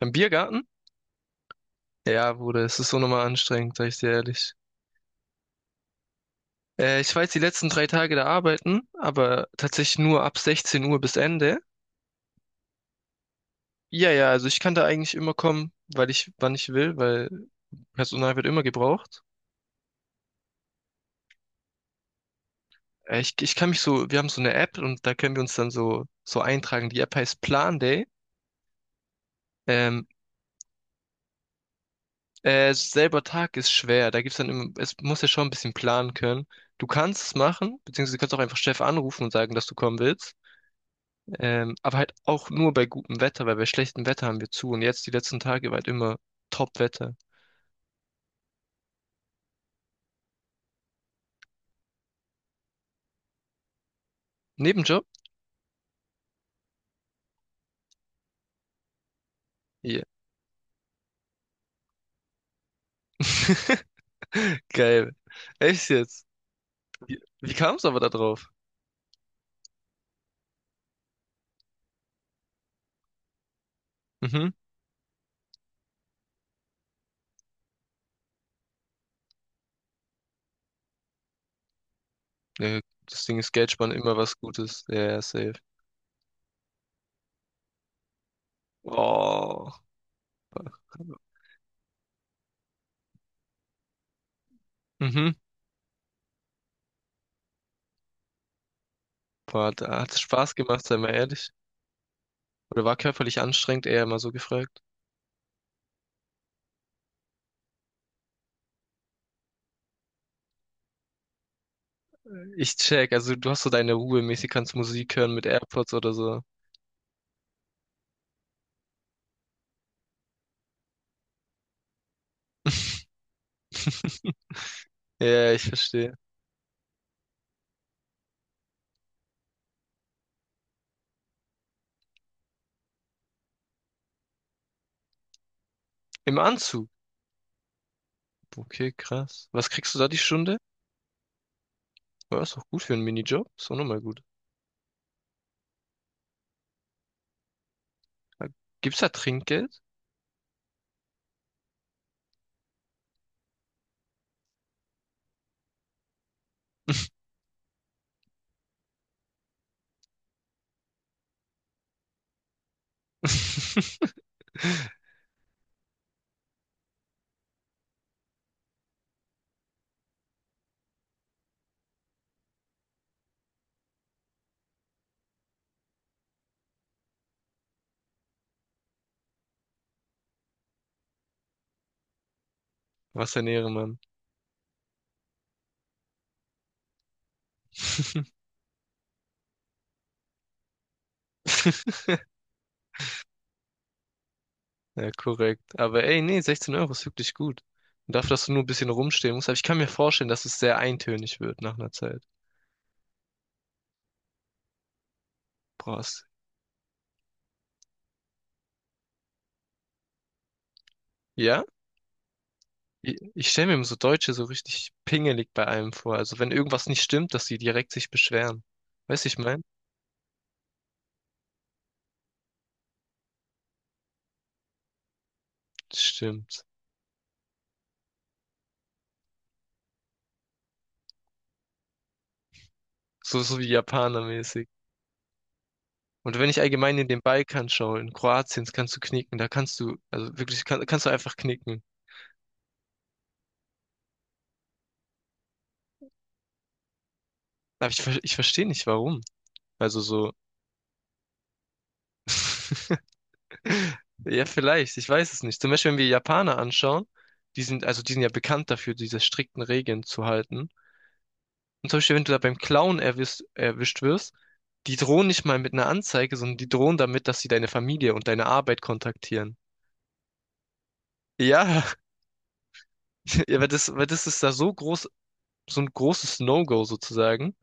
Im Biergarten? Ja, Bruder, es ist so nochmal anstrengend, sag ich dir ehrlich. Ich war jetzt die letzten 3 Tage da arbeiten, aber tatsächlich nur ab 16 Uhr bis Ende. Ja, ja, also ich kann da eigentlich immer kommen, weil ich, wann ich will, weil Personal wird immer gebraucht. Ich kann mich so, wir haben so eine App und da können wir uns dann so eintragen. Die App heißt Plan Day. Ähm, selber Tag ist schwer, da gibt's dann immer, es muss ja schon ein bisschen planen können. Du kannst es machen, beziehungsweise du kannst auch einfach Chef anrufen und sagen, dass du kommen willst. Aber halt auch nur bei gutem Wetter, weil bei schlechtem Wetter haben wir zu. Und jetzt die letzten Tage war halt immer Top-Wetter. Nebenjob? Ja. Geil. Echt jetzt? Wie kam es aber da drauf? Mhm. Ja, das Ding ist, Geld sparen immer was Gutes. Ja, ja, safe. Oh. Mhm. Boah, da hat es Spaß gemacht, sei mal ehrlich. Oder war körperlich anstrengend, eher immer so gefragt. Ich check, also du hast so deine Ruhe mäßig, kannst Musik hören mit AirPods oder so. Ja, ich verstehe. Im Anzug. Okay, krass. Was kriegst du da die Stunde? Ja, ist doch gut für einen Minijob. Ist auch nochmal gut. Ah, gibt's da Trinkgeld? Was ein Ehrenmann. Ja, korrekt. Aber ey, nee, 16 € ist wirklich gut. Und dafür, dass du nur ein bisschen rumstehen musst. Aber ich kann mir vorstellen, dass es sehr eintönig wird nach einer Zeit. Boah, ja? Ich stelle mir immer so Deutsche so richtig pingelig bei allem vor. Also wenn irgendwas nicht stimmt, dass sie direkt sich beschweren. Weißt du, ich mein? Stimmt. So, so wie Japaner. Und wenn ich allgemein in den Balkan schaue, in Kroatien, das kannst du knicken, da kannst du, also wirklich, kannst du einfach knicken. Aber ich, ich verstehe nicht, warum. Also so, ja, vielleicht, ich weiß es nicht. Zum Beispiel, wenn wir Japaner anschauen, die sind ja bekannt dafür, diese strikten Regeln zu halten. Und zum Beispiel, wenn du da beim Klauen erwischt wirst, die drohen nicht mal mit einer Anzeige, sondern die drohen damit, dass sie deine Familie und deine Arbeit kontaktieren. Ja, ja, weil das ist da so groß, so ein großes No-Go sozusagen,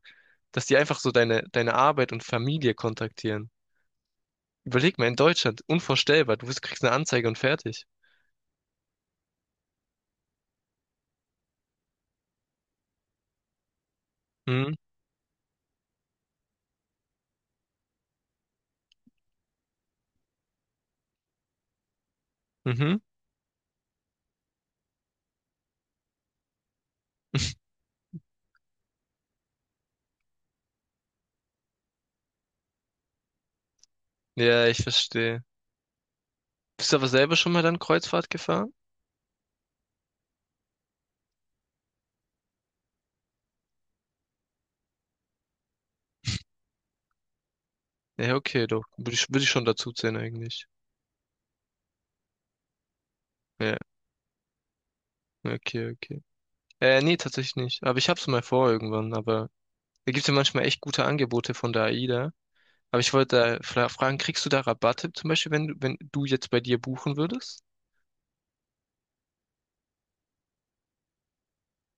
dass die einfach so deine Arbeit und Familie kontaktieren. Überleg mal, in Deutschland, unvorstellbar. Du bist, kriegst eine Anzeige und fertig. Hm? Mhm. Ja, ich verstehe. Bist du aber selber schon mal dann Kreuzfahrt gefahren? Ja, okay, doch. Würde ich schon dazu zählen eigentlich. Ja, okay, okay. Nee, tatsächlich nicht. Aber ich hab's mal vor irgendwann, aber da gibt's ja manchmal echt gute Angebote von der AIDA. Aber ich wollte da fragen, kriegst du da Rabatte zum Beispiel, wenn du jetzt bei dir buchen würdest?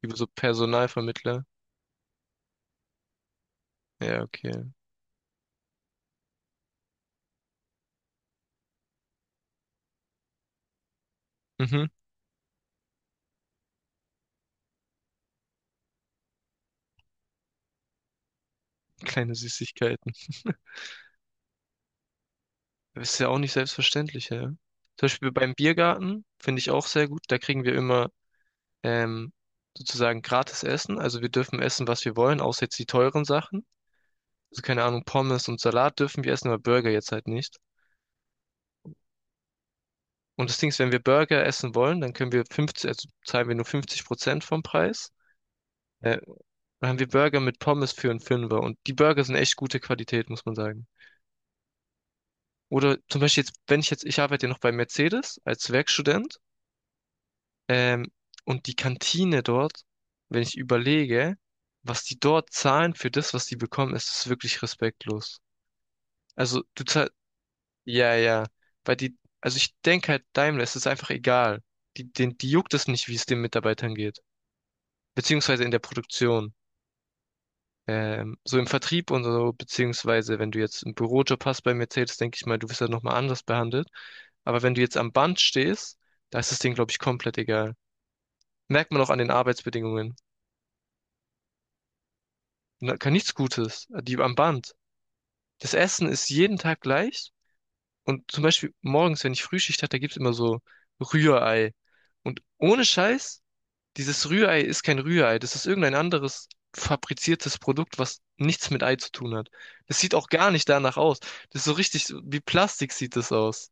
Über so Personalvermittler? Ja, okay. Mhm. Kleine Süßigkeiten. Das ist ja auch nicht selbstverständlich, ja. Zum Beispiel beim Biergarten finde ich auch sehr gut. Da kriegen wir immer ähm, sozusagen gratis Essen. Also wir dürfen essen, was wir wollen, außer jetzt die teuren Sachen. Also keine Ahnung, Pommes und Salat dürfen wir essen, aber Burger jetzt halt nicht. Und das Ding ist, wenn wir Burger essen wollen, dann können wir 50, also zahlen wir nur 50% vom Preis. Äh, dann haben wir Burger mit Pommes für einen Fünfer. Und die Burger sind echt gute Qualität, muss man sagen. Oder zum Beispiel jetzt, wenn ich jetzt, ich arbeite ja noch bei Mercedes als Werkstudent. Ähm, und die Kantine dort, wenn ich überlege, was die dort zahlen für das, was die bekommen, ist es wirklich respektlos. Also du zahlst, ja, ja, weil die, also ich denke halt, Daimler, es ist einfach egal. Die, den, die juckt es nicht, wie es den Mitarbeitern geht. Beziehungsweise in der Produktion. So im Vertrieb und so, beziehungsweise wenn du jetzt einen Bürojob hast bei Mercedes, denke ich mal, du wirst halt nochmal anders behandelt. Aber wenn du jetzt am Band stehst, da ist das Ding, glaube ich, komplett egal. Merkt man auch an den Arbeitsbedingungen. Na, kann nichts Gutes, die am Band. Das Essen ist jeden Tag gleich. Und zum Beispiel morgens, wenn ich Frühschicht hatte, da gibt's immer so Rührei. Und ohne Scheiß, dieses Rührei ist kein Rührei. Das ist irgendein anderes fabriziertes Produkt, was nichts mit Ei zu tun hat. Das sieht auch gar nicht danach aus. Das ist so richtig, wie Plastik sieht das aus.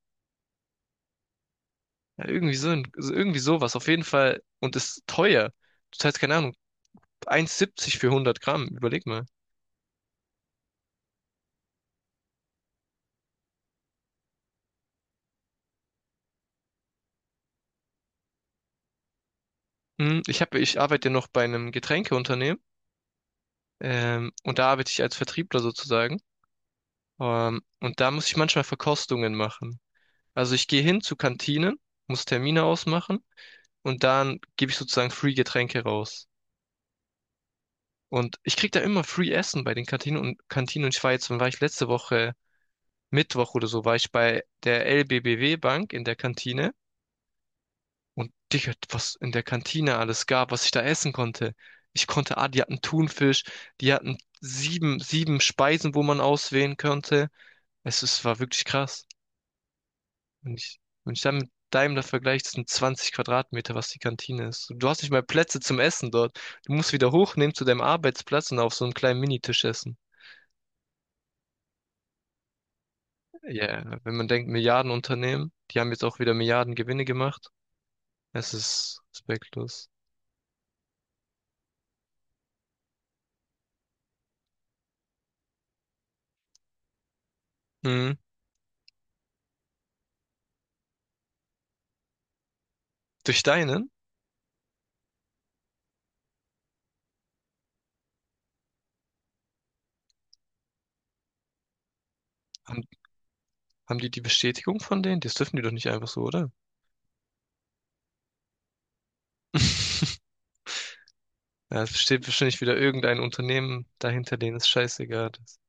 Ja, irgendwie so, irgendwie sowas, auf jeden Fall. Und ist teuer. Du zahlst, keine Ahnung, 1,70 für 100 Gramm. Überleg mal. Hm, ich arbeite ja noch bei einem Getränkeunternehmen. Und da arbeite ich als Vertriebler sozusagen. Und da muss ich manchmal Verkostungen machen. Also ich gehe hin zu Kantinen, muss Termine ausmachen und dann gebe ich sozusagen Free Getränke raus. Und ich krieg da immer Free Essen bei den Kantinen und Kantinen und ich war jetzt, wann war ich letzte Woche, Mittwoch oder so, war ich bei der LBBW Bank in der Kantine und Digga, was in der Kantine alles gab, was ich da essen konnte. Die hatten Thunfisch, die hatten sieben Speisen, wo man auswählen konnte. Es ist, war wirklich krass. Und ich dann mit deinem da vergleiche, das sind 20 Quadratmeter, was die Kantine ist. Du hast nicht mal Plätze zum Essen dort. Du musst wieder hochnehmen zu deinem Arbeitsplatz und auf so einem kleinen Minitisch essen. Ja, wenn man denkt, Milliardenunternehmen, die haben jetzt auch wieder Milliarden Gewinne gemacht. Es ist respektlos. Mhm. Durch deinen? Haben, haben die die Bestätigung von denen? Das dürfen die doch nicht einfach so, oder? Ja, es steht wahrscheinlich wieder irgendein Unternehmen dahinter, denen es scheißegal ist.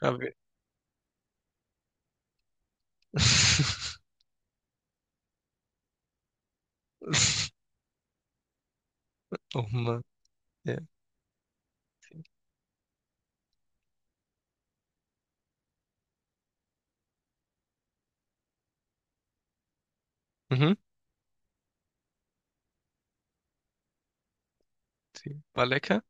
Aber wir- Oh Mann. Ja. Mhm. Die war lecker.